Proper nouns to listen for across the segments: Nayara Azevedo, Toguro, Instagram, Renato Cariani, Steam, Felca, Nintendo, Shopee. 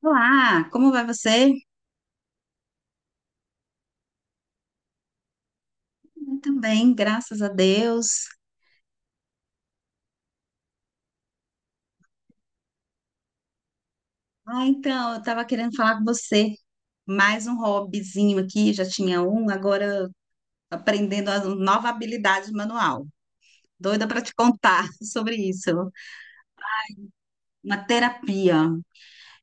Olá, como vai você? Eu também, graças a Deus. Ah, então, eu estava querendo falar com você. Mais um hobbyzinho aqui, já tinha um, agora aprendendo a nova habilidade manual. Doida para te contar sobre isso. Uma terapia.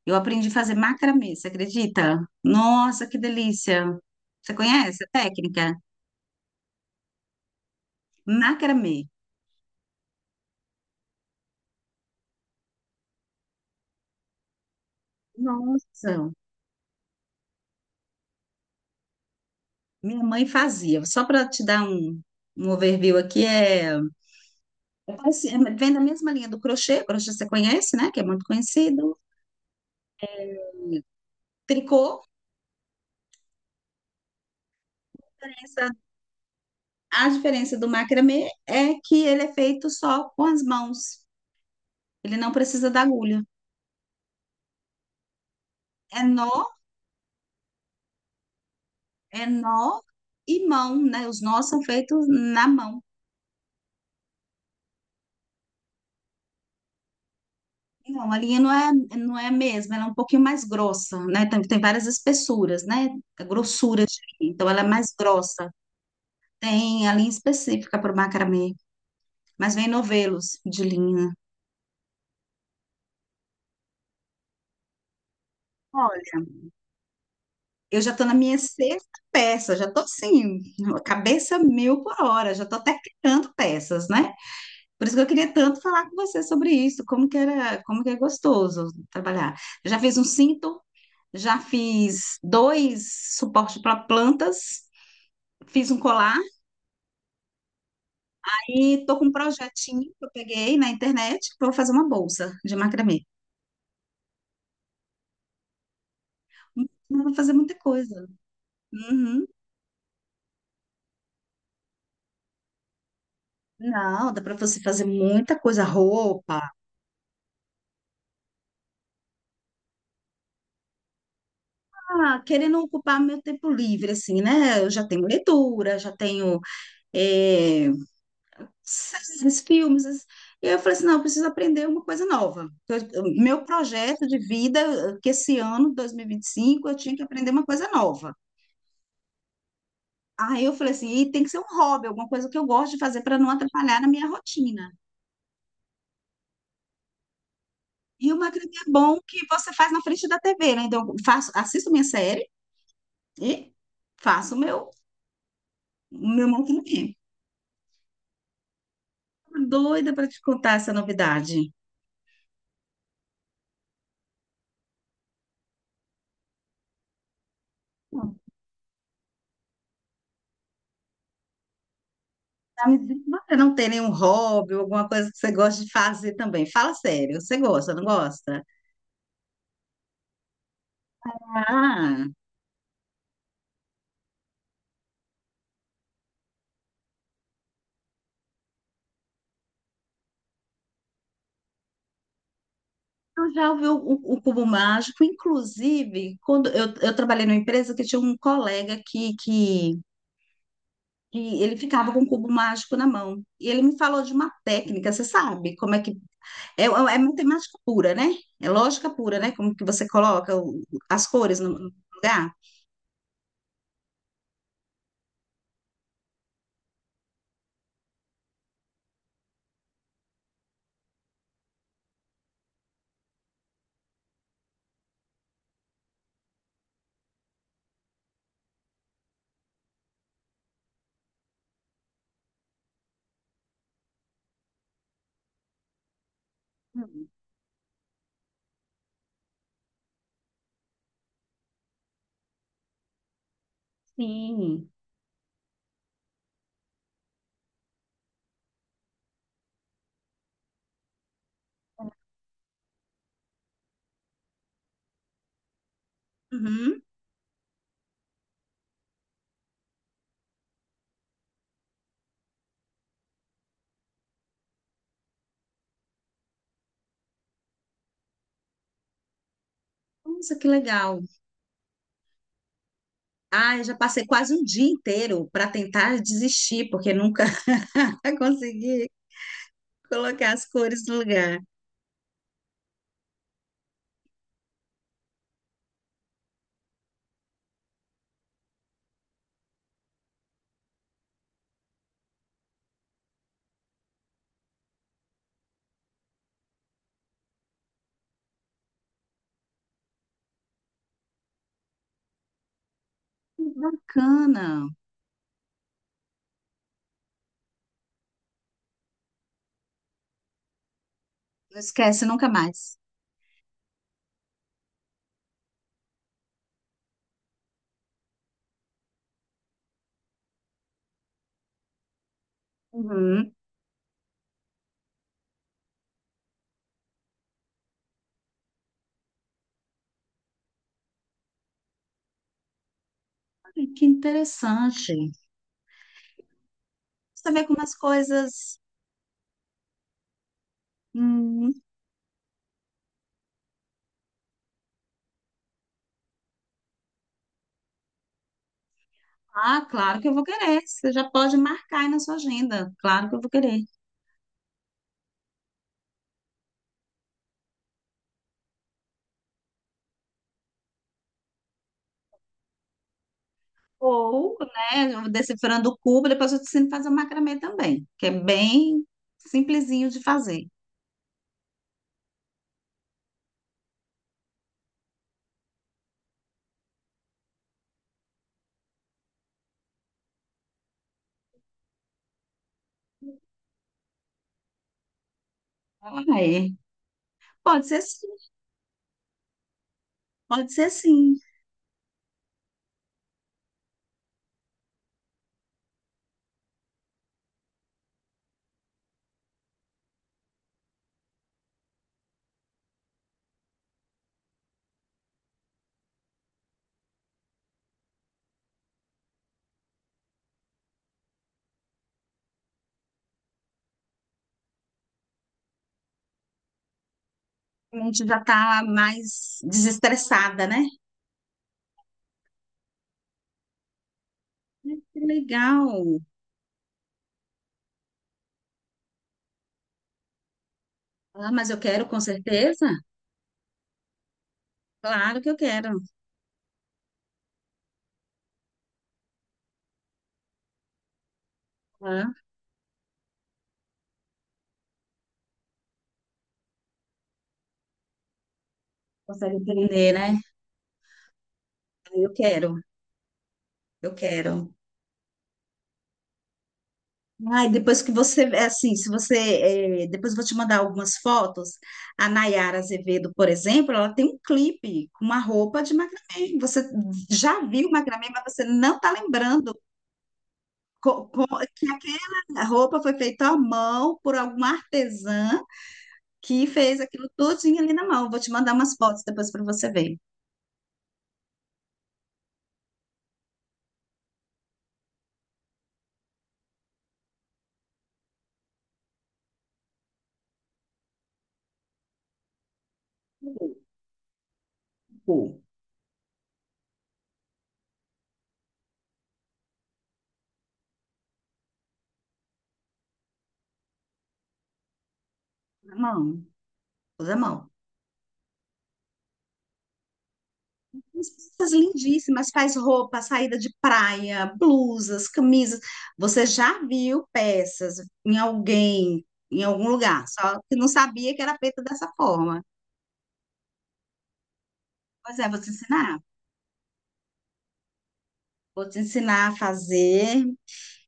Eu aprendi a fazer macramê, você acredita? Nossa, que delícia! Você conhece a técnica? Macramê. Nossa, minha mãe fazia. Só para te dar um overview aqui, é assim, é, vem da mesma linha do crochê, crochê você conhece, né? Que é muito conhecido. Tricô, Essa- a diferença do macramê é que ele é feito só com as mãos. Ele não precisa da agulha. É nó, é nó e mão, né? Os nós são feitos na mão. Não, a linha não é a mesma, ela é um pouquinho mais grossa, né? Tem várias espessuras, né? Grossuras, de linha, então ela é mais grossa. Tem a linha específica para o macramê, mas vem novelos de linha. Olha. Eu já estou na minha sexta peça, já estou assim, cabeça mil por hora, já estou até criando peças, né? Por isso que eu queria tanto falar com você sobre isso, como que era, como que é gostoso trabalhar. Eu já fiz um cinto, já fiz dois suportes para plantas, fiz um colar e estou com um projetinho que eu peguei na internet, que eu vou fazer uma bolsa de macramê. Não vou fazer muita coisa. Uhum. Não, dá para você fazer muita coisa, roupa, ah, querendo ocupar meu tempo livre, assim, né? Eu já tenho leitura, já tenho eh, séries, filmes. E eu falei assim, não, eu preciso aprender uma coisa nova. Meu projeto de vida, que esse ano, dois mil e vinte e cinco eu tinha que aprender uma coisa nova. Aí eu falei assim, e tem que ser um hobby, alguma coisa que eu gosto de fazer para não atrapalhar na minha rotina. E uma coisa é bom que você faz na frente da TV, né? Então, eu faço, assisto minha série e faço o meu montanha. Doida para te contar essa novidade. Não, tá me dizendo que você não tem nenhum hobby ou alguma coisa que você gosta de fazer também. Fala sério, você gosta, não gosta? Ah, eu já ouvi o Cubo Mágico, inclusive, quando eu trabalhei numa empresa que tinha um colega que ele ficava com o Cubo Mágico na mão. E ele me falou de uma técnica, você sabe como é que é, é é matemática pura, né? É lógica pura, né? Como que você coloca as cores no lugar? Hum. Sim. Uhum. Nossa, que legal. Ah, eu já passei quase um dia inteiro para tentar desistir, porque nunca consegui colocar as cores no lugar. Que bacana. Não esquece nunca mais. Uhum. Olha, que interessante. Você vê como as coisas. Hum, ah, claro que eu vou querer. Você já pode marcar aí na sua agenda. Claro que eu vou querer. Ou, né, eu decifrando o cubo, depois eu te ensino a fazer o macramê também, que é bem simplesinho de fazer. Ah, é. Pode ser sim. Pode ser sim. A gente já está mais desestressada, né? Ai, que legal. Ah, mas eu quero, com certeza. Claro que eu quero. Ah, consegue entender, né? Eu quero, eu quero. Ai, depois que você, é assim, se você, é, depois eu vou te mandar algumas fotos. A Nayara Azevedo, por exemplo, ela tem um clipe com uma roupa de macramê. Você já viu macramê, mas você não está lembrando co- co- que aquela roupa foi feita à mão por alguma artesã que fez aquilo todinho ali na mão. Vou te mandar umas fotos depois para você ver. Pô, na mão, toda mão. Umas peças lindíssimas, faz roupa, saída de praia, blusas, camisas. Você já viu peças em alguém, em algum lugar, só que não sabia que era feita dessa forma. Pois é, vou te ensinar. Vou te ensinar a fazer.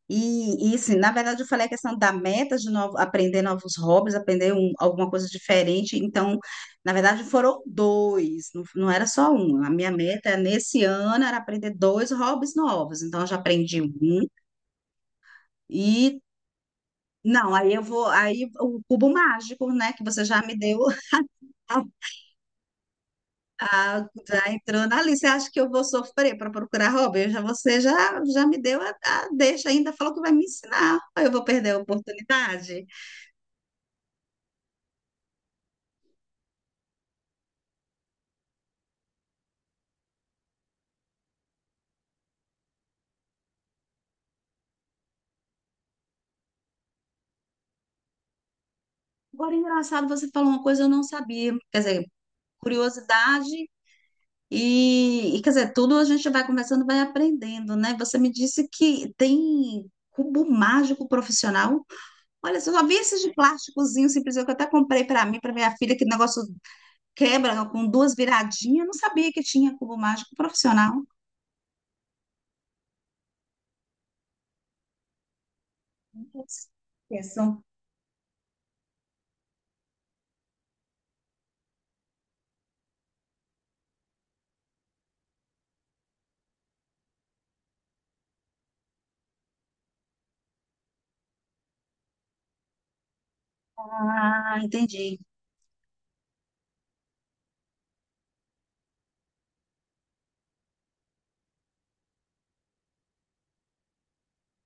E assim, na verdade, eu falei a questão da meta de novo, aprender novos hobbies, aprender alguma coisa diferente. Então, na verdade, foram dois, não, não era só um. A minha meta nesse ano era aprender dois hobbies novos. Então, eu já aprendi um e não, aí eu vou, aí o cubo mágico, né, que você já me deu, a- já entrou na lista. Você acha que eu vou sofrer para procurar hobby? Eu já, você já, já me deu a deixa ainda, falou que vai me ensinar. Eu vou perder a oportunidade. Agora, engraçado, você falou uma coisa que eu não sabia. Quer dizer, curiosidade e, quer dizer, tudo a gente vai conversando, vai aprendendo, né? Você me disse que tem cubo mágico profissional. Olha, eu só vi esses de plásticozinho simples que eu até comprei para mim, para minha filha, que negócio quebra com duas viradinhas. Eu não sabia que tinha cubo mágico profissional. Pensam. Ah, entendi.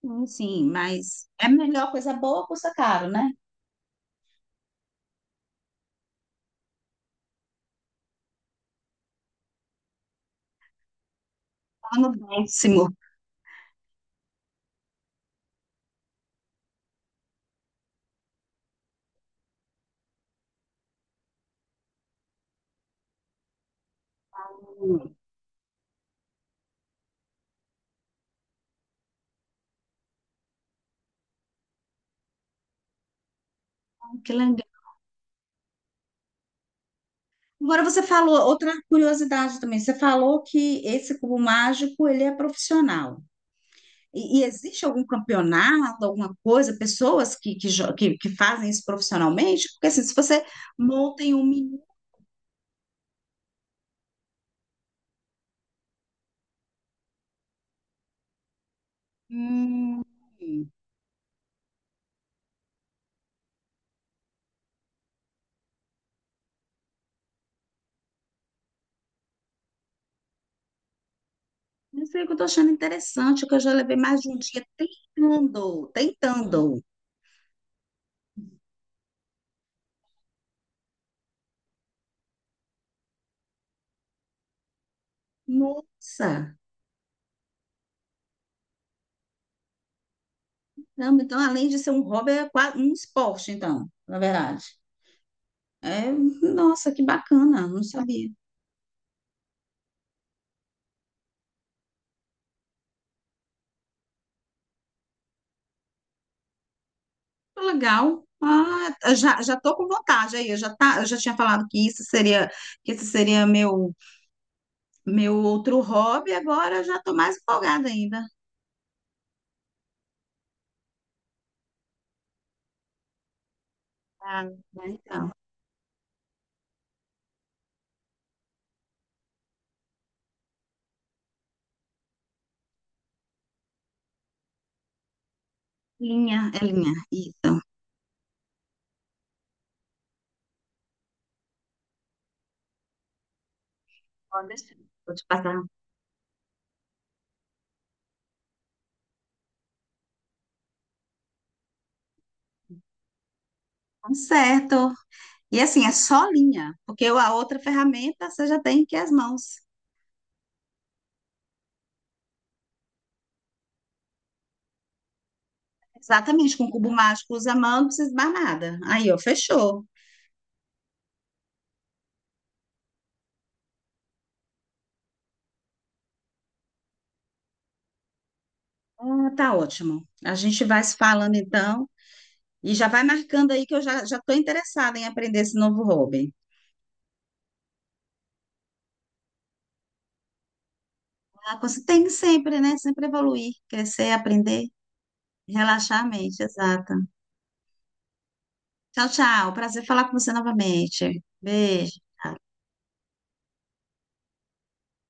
Sim, mas é melhor coisa boa custa caro, né? Tá no décimo. Hum, Que legal. Agora você falou, outra curiosidade também, você falou que esse cubo mágico, ele é profissional. E existe algum campeonato, alguma coisa, pessoas que fazem isso profissionalmente? Porque assim, se você monta em 1 minuto, hum, isso aí que eu tô achando interessante, que eu já levei mais de um dia tentando, tentando. Nossa! Caramba, então, além de ser um hobby, é quase um esporte, então, na verdade. É, nossa, que bacana, não sabia. Legal. Ah, já, já tô com vontade aí. Eu já, tá, eu já tinha falado que isso seria, que esse seria meu outro hobby, agora eu já tô mais empolgada ainda. Ah, né? Então, linha, é linha, isso. Pode deixar. Vou te passar. Tá certo. E assim, é só linha, porque a outra ferramenta você já tem que as mãos. Exatamente, com o cubo mágico usa a mão, não precisa esbar nada. Aí, ó, fechou. Ah, tá ótimo. A gente vai se falando então. E já vai marcando aí que eu já já estou interessada em aprender esse novo hobby. Ah, você tem que sempre, né? Sempre evoluir, crescer, aprender, relaxar a mente, exato. Tchau, tchau. Prazer falar com você novamente. Beijo. Tchau.